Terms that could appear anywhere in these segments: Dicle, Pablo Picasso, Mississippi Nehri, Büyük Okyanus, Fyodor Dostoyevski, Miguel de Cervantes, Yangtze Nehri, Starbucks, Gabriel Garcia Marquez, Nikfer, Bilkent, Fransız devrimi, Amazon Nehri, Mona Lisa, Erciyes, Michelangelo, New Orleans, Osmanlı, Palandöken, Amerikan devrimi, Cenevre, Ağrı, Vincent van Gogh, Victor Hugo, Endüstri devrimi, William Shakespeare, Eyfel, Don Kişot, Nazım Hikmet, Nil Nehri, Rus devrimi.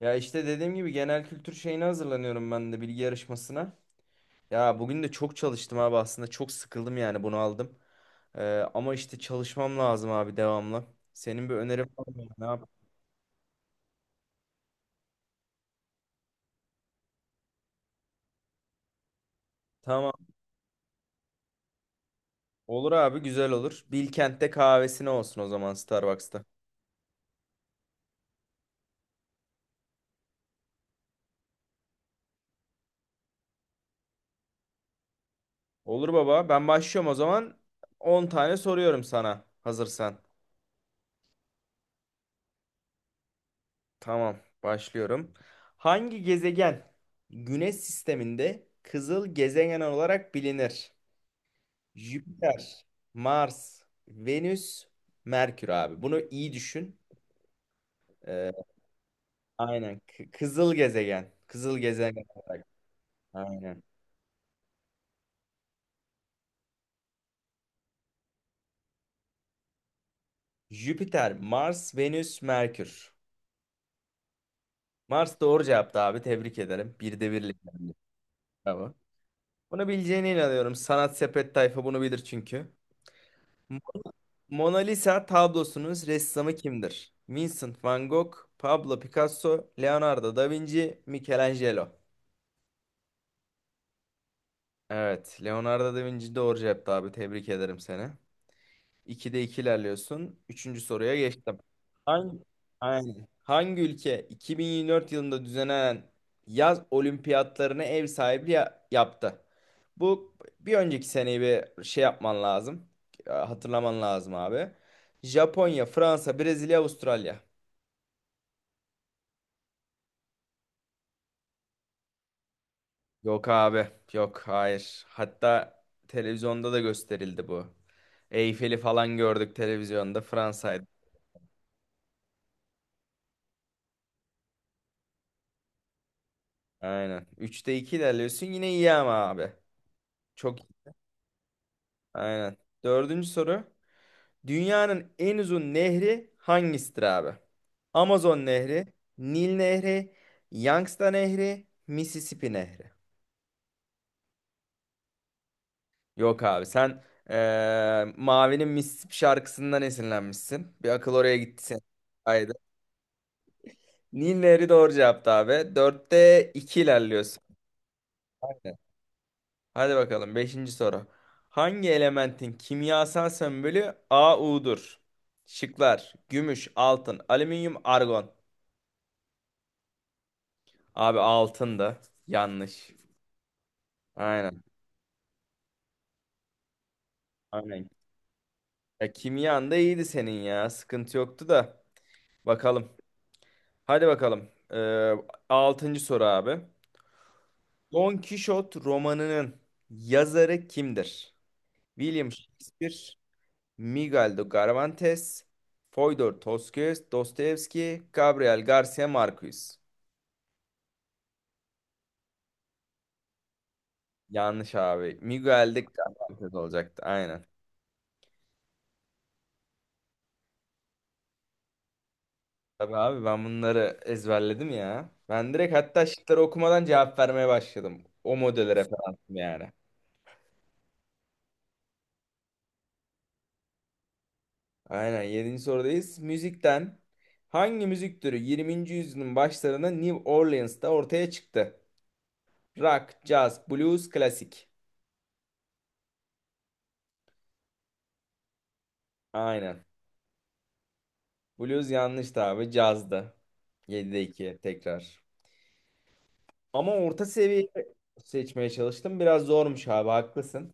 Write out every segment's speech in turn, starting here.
Ya işte dediğim gibi genel kültür şeyine hazırlanıyorum ben de bilgi yarışmasına. Ya bugün de çok çalıştım abi, aslında çok sıkıldım yani bunu aldım. Ama işte çalışmam lazım abi, devamlı. Senin bir önerin var mı? Ne yap? Tamam. Olur abi, güzel olur. Bilkent'te kahvesine olsun o zaman, Starbucks'ta. Olur baba, ben başlıyorum o zaman. On tane soruyorum sana, hazırsan. Tamam, başlıyorum. Hangi gezegen Güneş sisteminde kızıl gezegen olarak bilinir? Jüpiter, Mars, Venüs, Merkür abi. Bunu iyi düşün. Ee, aynen. Kızıl gezegen. Kızıl gezegen olarak. Aynen. Jüpiter, Mars, Venüs, Merkür. Mars doğru cevaptı abi. Tebrik ederim. Bir de birlik bende. Bravo. Bunu bileceğine inanıyorum. Sanat sepet tayfa bunu bilir çünkü. Mo- Mona Lisa tablosunun ressamı kimdir? Vincent van Gogh, Pablo Picasso, Leonardo da Vinci, Michelangelo. Evet. Leonardo da Vinci doğru cevaptı abi. Tebrik ederim seni. 2'de 2 ilerliyorsun. Üçüncü soruya geçtim. Hangi, aynen. Hangi ülke 2024 yılında düzenlenen yaz olimpiyatlarına ev sahipliği yaptı? Bu bir önceki seneyi bir şey yapman lazım. Hatırlaman lazım abi. Japonya, Fransa, Brezilya, Avustralya. Yok abi. Yok hayır. Hatta televizyonda da gösterildi bu. Eyfel'i falan gördük televizyonda. Fransa'ydı. Aynen. Üçte 2 ilerliyorsun. Yine iyi ama abi. Çok iyi. Aynen. Dördüncü soru. Dünyanın en uzun nehri hangisidir abi? Amazon Nehri, Nil Nehri, Yangtze Nehri, Mississippi Nehri. Yok abi, sen Mavi'nin Mississippi şarkısından esinlenmişsin. Bir akıl oraya gitti senin. Haydi. Nil Nehri doğru cevaptı abi. Dörtte 2 ilerliyorsun. Hadi bakalım, beşinci soru. Hangi elementin kimyasal sembolü AU'dur? Şıklar: gümüş, altın, alüminyum, argon. Abi altın yanlış. Aynen, aynen. Ya kimyan da iyiydi senin ya. Sıkıntı yoktu da. Bakalım. Hadi bakalım. 6. soru abi. Don Kişot romanının yazarı kimdir? William Shakespeare, Miguel de Cervantes, Fyodor Dostoyevski, Dostoyevski, Gabriel Garcia Marquez. Yanlış abi. Miguel de Cervantes olacaktı. Aynen. Tabii abi, ben bunları ezberledim ya. Ben direkt hatta şıkları okumadan cevap vermeye başladım. O modele referansım yani. Aynen, 7. sorudayız. Müzikten hangi müzik türü 20. yüzyılın başlarında New Orleans'ta ortaya çıktı? Rock, jazz, blues, klasik. Aynen. Blues yanlıştı abi. Cazdı. 7'de 2 tekrar. Ama orta seviye seçmeye çalıştım. Biraz zormuş abi, haklısın.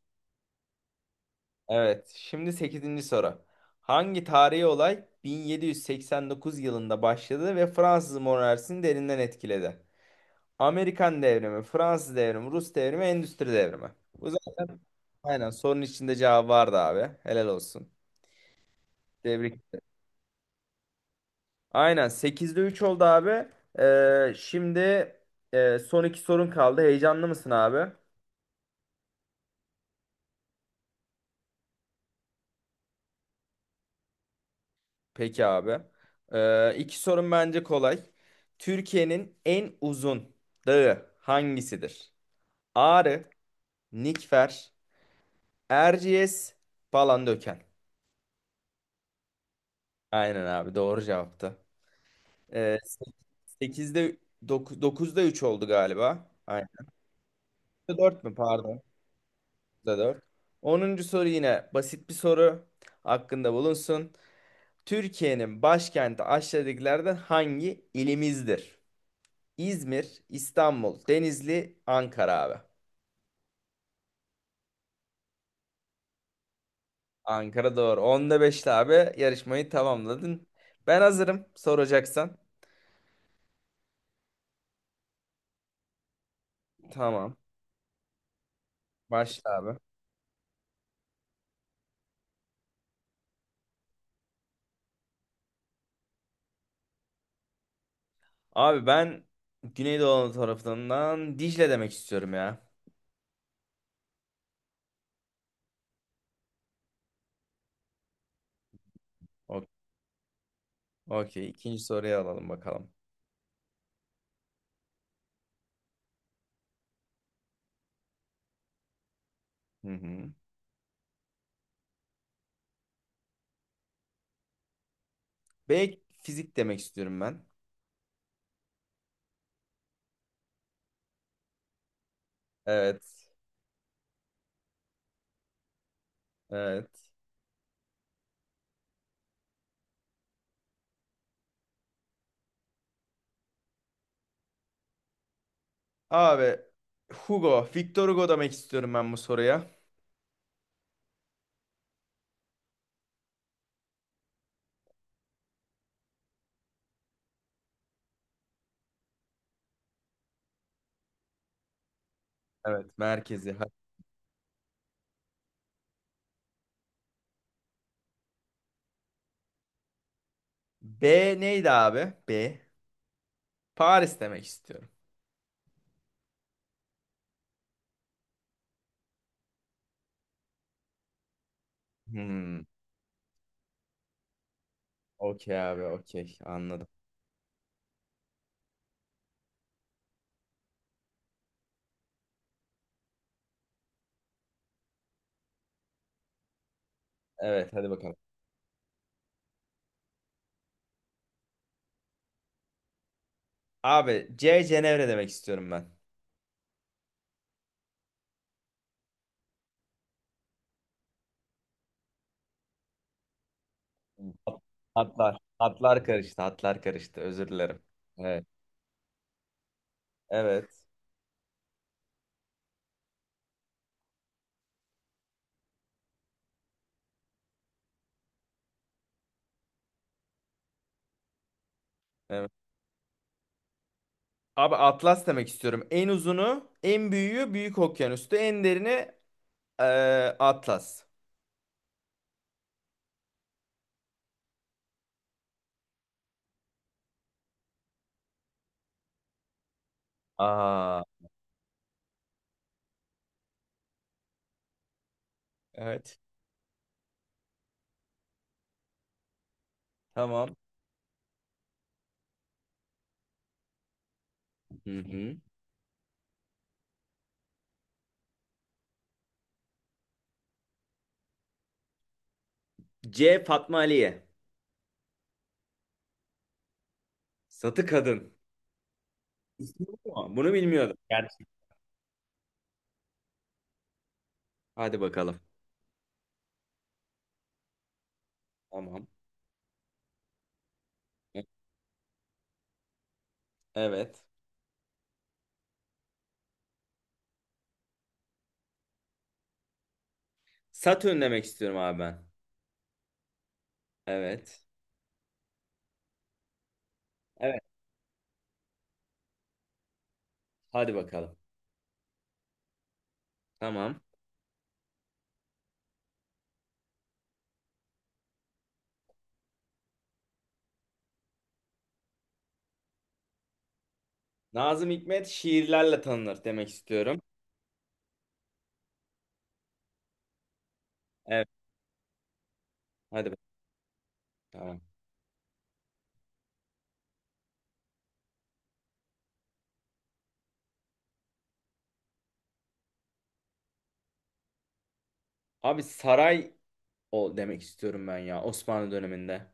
Evet, şimdi sekizinci soru. Hangi tarihi olay 1789 yılında başladı ve Fransız monarşisini derinden etkiledi? Amerikan devrimi, Fransız devrimi, Rus devrimi, Endüstri devrimi. Bu zaten aynen sorunun içinde cevap vardı abi. Helal olsun. Tebrik. Aynen, sekizde 3 oldu abi. Şimdi son iki sorun kaldı. Heyecanlı mısın abi? Peki abi. İki sorun bence kolay. Türkiye'nin en uzun dağı hangisidir? Ağrı, Nikfer, Erciyes, Palandöken. Aynen abi, doğru cevaptı. Ee, 8'de, dokuzda 3 oldu galiba. Aynen. 4 mü pardon? Dört. Onuncu soru yine basit bir soru, hakkında bulunsun. Türkiye'nin başkenti aşağıdakilerden hangi ilimizdir? İzmir, İstanbul, Denizli, Ankara abi. Ankara doğru. Onda beşte abi yarışmayı tamamladın. Ben hazırım soracaksan. Tamam. Başla abi. Abi, ben Güneydoğu Anadolu tarafından Dicle demek istiyorum ya. O- Okey. İkinci soruyu alalım bakalım. Hı hı. Belki fizik demek istiyorum ben. Evet. Evet. Abi Victor Hugo demek istiyorum ben bu soruya. Evet, merkezi. B neydi abi? B. Paris demek istiyorum. Hmm. Okey abi, okey. Anladım. Evet, hadi bakalım. Abi, C Cenevre demek istiyorum ben. Hat- Hatlar karıştı, hatlar karıştı. Özür dilerim. Evet. Evet. Evet. Abi Atlas demek istiyorum. En uzunu, en büyüğü Büyük Okyanus'tu. En derini, e, Atlas. Aa. Evet. Tamam. Hı hı. C Fatma Aliye. Satı kadın. İsmi bu. Bunu bilmiyordum. Gerçekten. Hadi bakalım. Tamam. Evet. Satürn demek istiyorum abi ben. Evet. Evet. Hadi bakalım. Tamam. Nazım Hikmet şiirlerle tanınır demek istiyorum. Evet. Hadi bakalım. Tamam. Abi, saray o demek istiyorum ben ya, Osmanlı döneminde.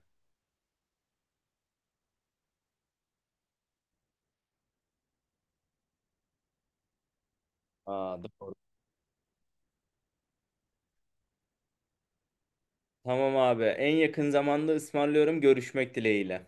Aa, doğru. Tamam abi. En yakın zamanda ısmarlıyorum, görüşmek dileğiyle.